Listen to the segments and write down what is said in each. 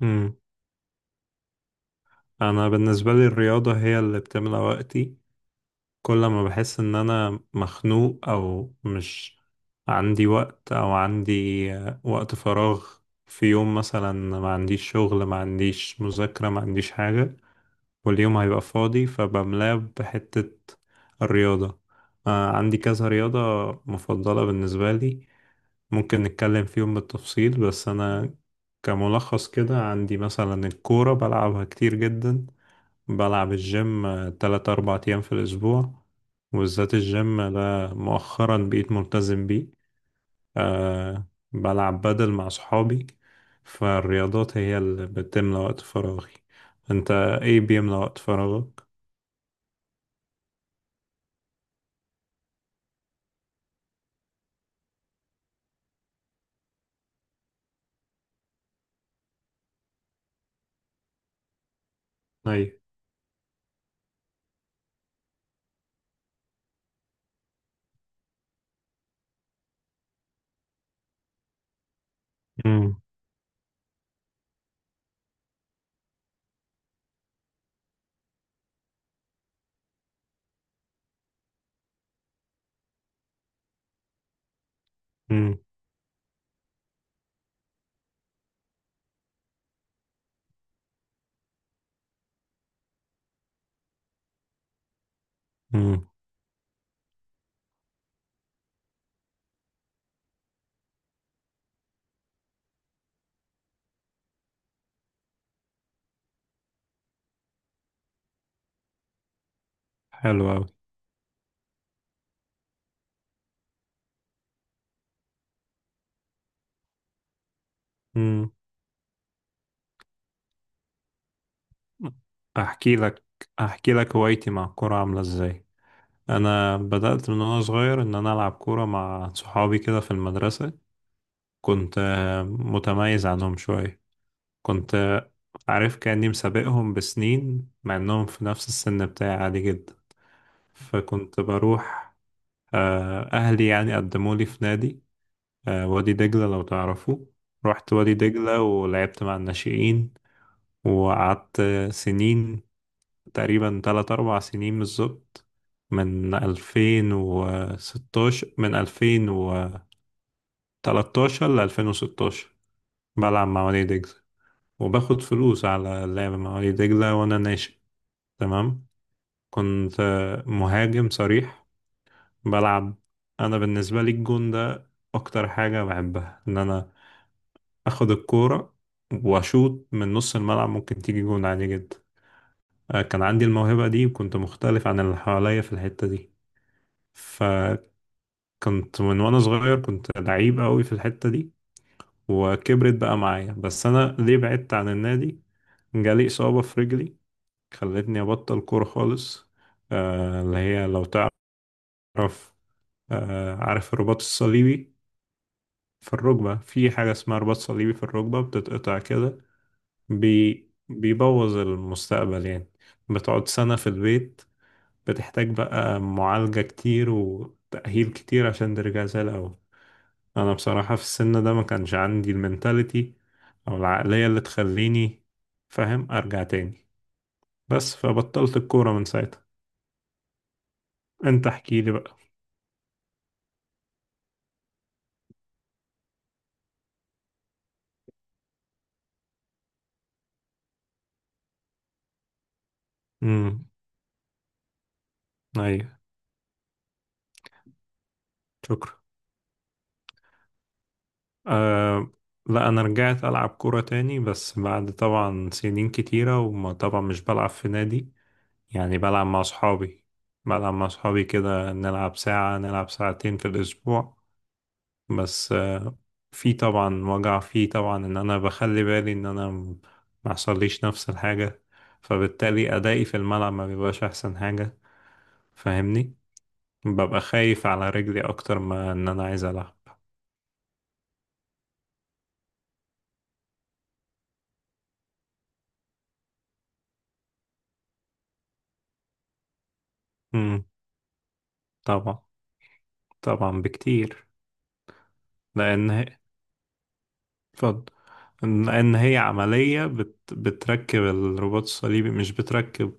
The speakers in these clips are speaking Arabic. امم انا بالنسبه لي الرياضه هي اللي بتملى وقتي. كل ما بحس ان انا مخنوق او مش عندي وقت او عندي وقت فراغ في يوم مثلا، ما عنديش شغل، ما عنديش مذاكره، ما عنديش حاجه، واليوم هيبقى فاضي فبملاه بحته الرياضه. عندي كذا رياضه مفضله بالنسبه لي، ممكن نتكلم فيهم بالتفصيل، بس انا كملخص كده عندي مثلا الكوره بلعبها كتير جدا. بلعب الجيم تلات أربع أيام في الأسبوع، وبالذات الجيم ده مؤخرا بقيت ملتزم بيه. أه بلعب بدل مع صحابي. فالرياضات هي اللي بتملى وقت فراغي. أنت إيه بيملى وقت فراغك؟ أيوة. مم. مم. مم. حلو أوي. مم. أحكي لك أحكي لك هوايتي مع الكورة عاملة إزاي. أنا بدأت من وأنا صغير إن أنا ألعب كورة مع صحابي كده في المدرسة. كنت متميز عنهم شوية، كنت عارف كأني مسابقهم بسنين مع انهم في نفس السن بتاعي عادي جدا. فكنت بروح آه، اهلي يعني قدمولي في نادي، وادي دجلة لو تعرفوا. رحت وادي دجلة ولعبت مع الناشئين، وقعدت سنين، تقريبا تلات أربع سنين بالظبط، من 2016، من 2013 ل 2016 بلعب مع وادي دجلة، وباخد فلوس على اللعب مع وليد دجلة وأنا ناشئ. تمام. كنت مهاجم صريح، بلعب. أنا بالنسبة لي الجون ده أكتر حاجة بحبها، إن أنا أخد الكورة وأشوط من نص الملعب ممكن تيجي جون عادي جدا. كان عندي الموهبة دي وكنت مختلف عن اللي حواليا في الحتة دي. فكنت من وأنا صغير كنت لعيب قوي في الحتة دي، وكبرت بقى معايا. بس أنا ليه بعدت عن النادي؟ جالي إصابة في رجلي خلتني أبطل كورة خالص. اللي هي لو تعرف، عارف الرباط الصليبي؟ في الركبة، في حاجة اسمها رباط صليبي في الركبة بتتقطع كده، بيبوظ المستقبل يعني. بتقعد سنة في البيت، بتحتاج بقى معالجة كتير وتأهيل كتير عشان ترجع زي الأول. أنا بصراحة في السن ده ما كانش عندي المنتاليتي أو العقلية اللي تخليني فاهم أرجع تاني، بس فبطلت الكورة من ساعتها. أنت احكيلي. بقى. ايوه. شكرا. أه. لا، انا رجعت العب كوره تاني بس بعد طبعا سنين كتيره، وما طبعا مش بلعب في نادي، يعني بلعب مع اصحابي. بلعب مع اصحابي كده، نلعب ساعه، نلعب ساعتين في الاسبوع. بس في طبعا وجع، فيه طبعا ان انا بخلي بالي ان انا ما يحصليش نفس الحاجه، فبالتالي ادائي في الملعب ما بيبقاش احسن حاجه. فاهمني، ببقى خايف على رجلي اكتر ما ان انا عايز العب. امم. طبعا. طبعا بكتير. لأن هي اتفضل. لأن هي عملية بتركب الرباط الصليبي، مش بتركب.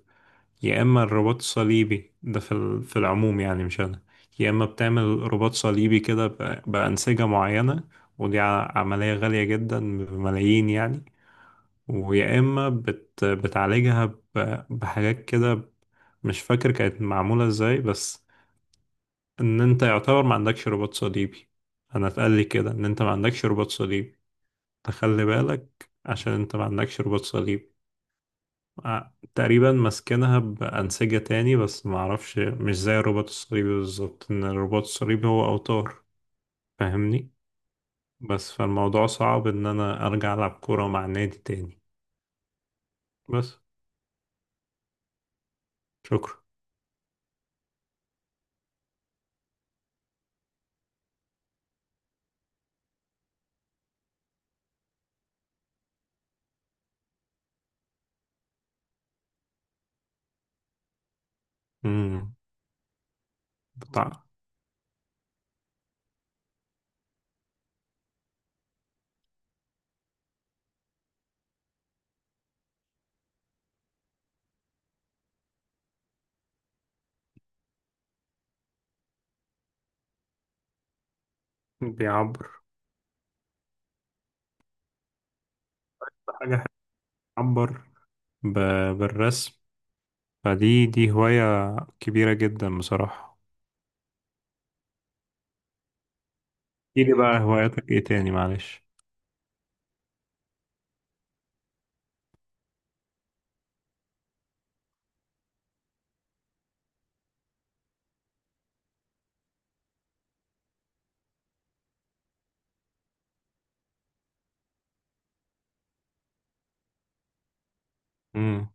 يا إما الرباط الصليبي ده في العموم يعني، مش أنا، يا إما بتعمل رباط صليبي كده بأنسجة معينة، ودي عملية غالية جدا، بملايين يعني. ويا إما بتعالجها بحاجات كده، مش فاكر كانت معمولة ازاي، بس ان انت يعتبر ما عندكش رباط صليبي. انا اتقال لي كده، ان انت ما عندكش رباط صليبي، تخلي بالك عشان انت ما عندكش رباط صليب. تقريبا ماسكينها بأنسجة تاني، بس ما اعرفش، مش زي الرباط الصليبي بالظبط، ان الرباط الصليبي هو اوتار. فاهمني، بس فالموضوع صعب ان انا ارجع العب كورة مع نادي تاني. بس. شكرا. امم. بتاع بيعبر حاجة بتعبر بالرسم. فدي هواية كبيرة جدا بصراحة. ايه دي بقى هواياتك؟ ايه تاني؟ معلش. امم.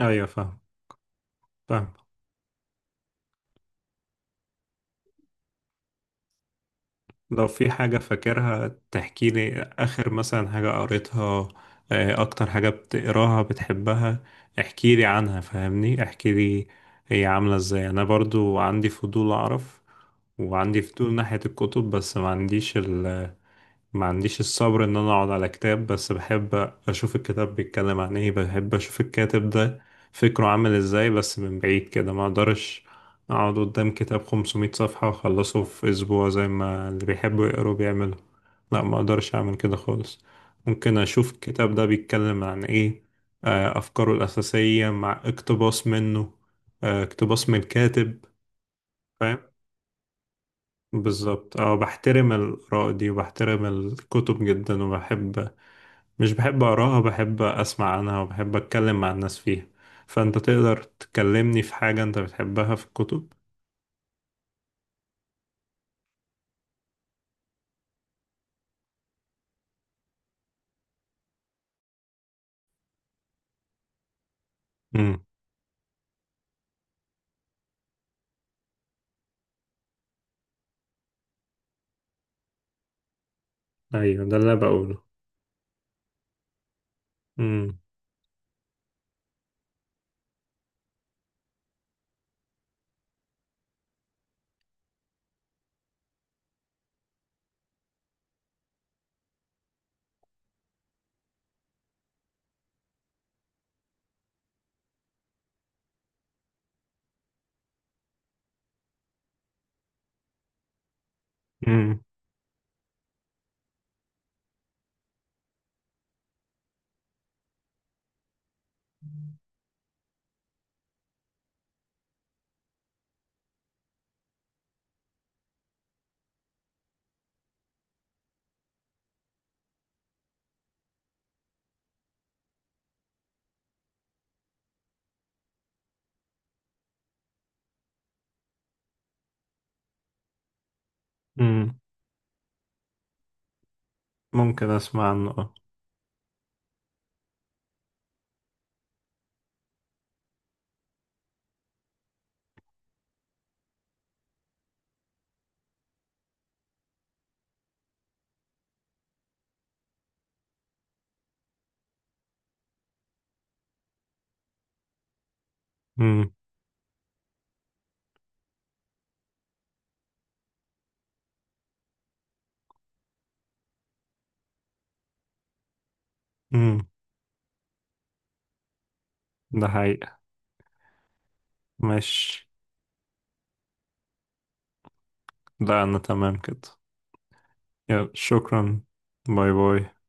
ايوه، فاهم، فاهم. لو في حاجة فاكرها تحكي لي، آخر مثلا حاجة قريتها، أكتر حاجة بتقراها بتحبها، احكي لي عنها، فاهمني، احكي لي هي عاملة ازاي. أنا برضو عندي فضول أعرف، وعندي فضول ناحية الكتب، بس ما عنديش الصبر ان انا اقعد على كتاب، بس بحب اشوف الكتاب بيتكلم عن ايه، بحب اشوف الكاتب ده فكره عامل ازاي، بس من بعيد كده، ما اقدرش اقعد قدام كتاب 500 صفحة واخلصه في اسبوع زي ما اللي بيحبوا يقروا بيعملوا. لا، ما اقدرش اعمل كده خالص. ممكن اشوف الكتاب ده بيتكلم عن ايه، افكاره الاساسية مع اقتباس منه، اقتباس من الكاتب. فاهم. بالظبط، بحترم الآراء دي، وبحترم الكتب جدا، وبحب، مش بحب أقراها، بحب أسمع عنها، وبحب أتكلم مع الناس فيها. فأنت تقدر تكلمني في حاجة أنت بتحبها في الكتب. امم. أيوة، ده اللي أنا بقوله. امم، امم، امم. ممكن أسمع عنه، أه. امم، امم. ده حقيقة. ماشي. لا، أنا تمام كده. يلا، شكرا. باي باي.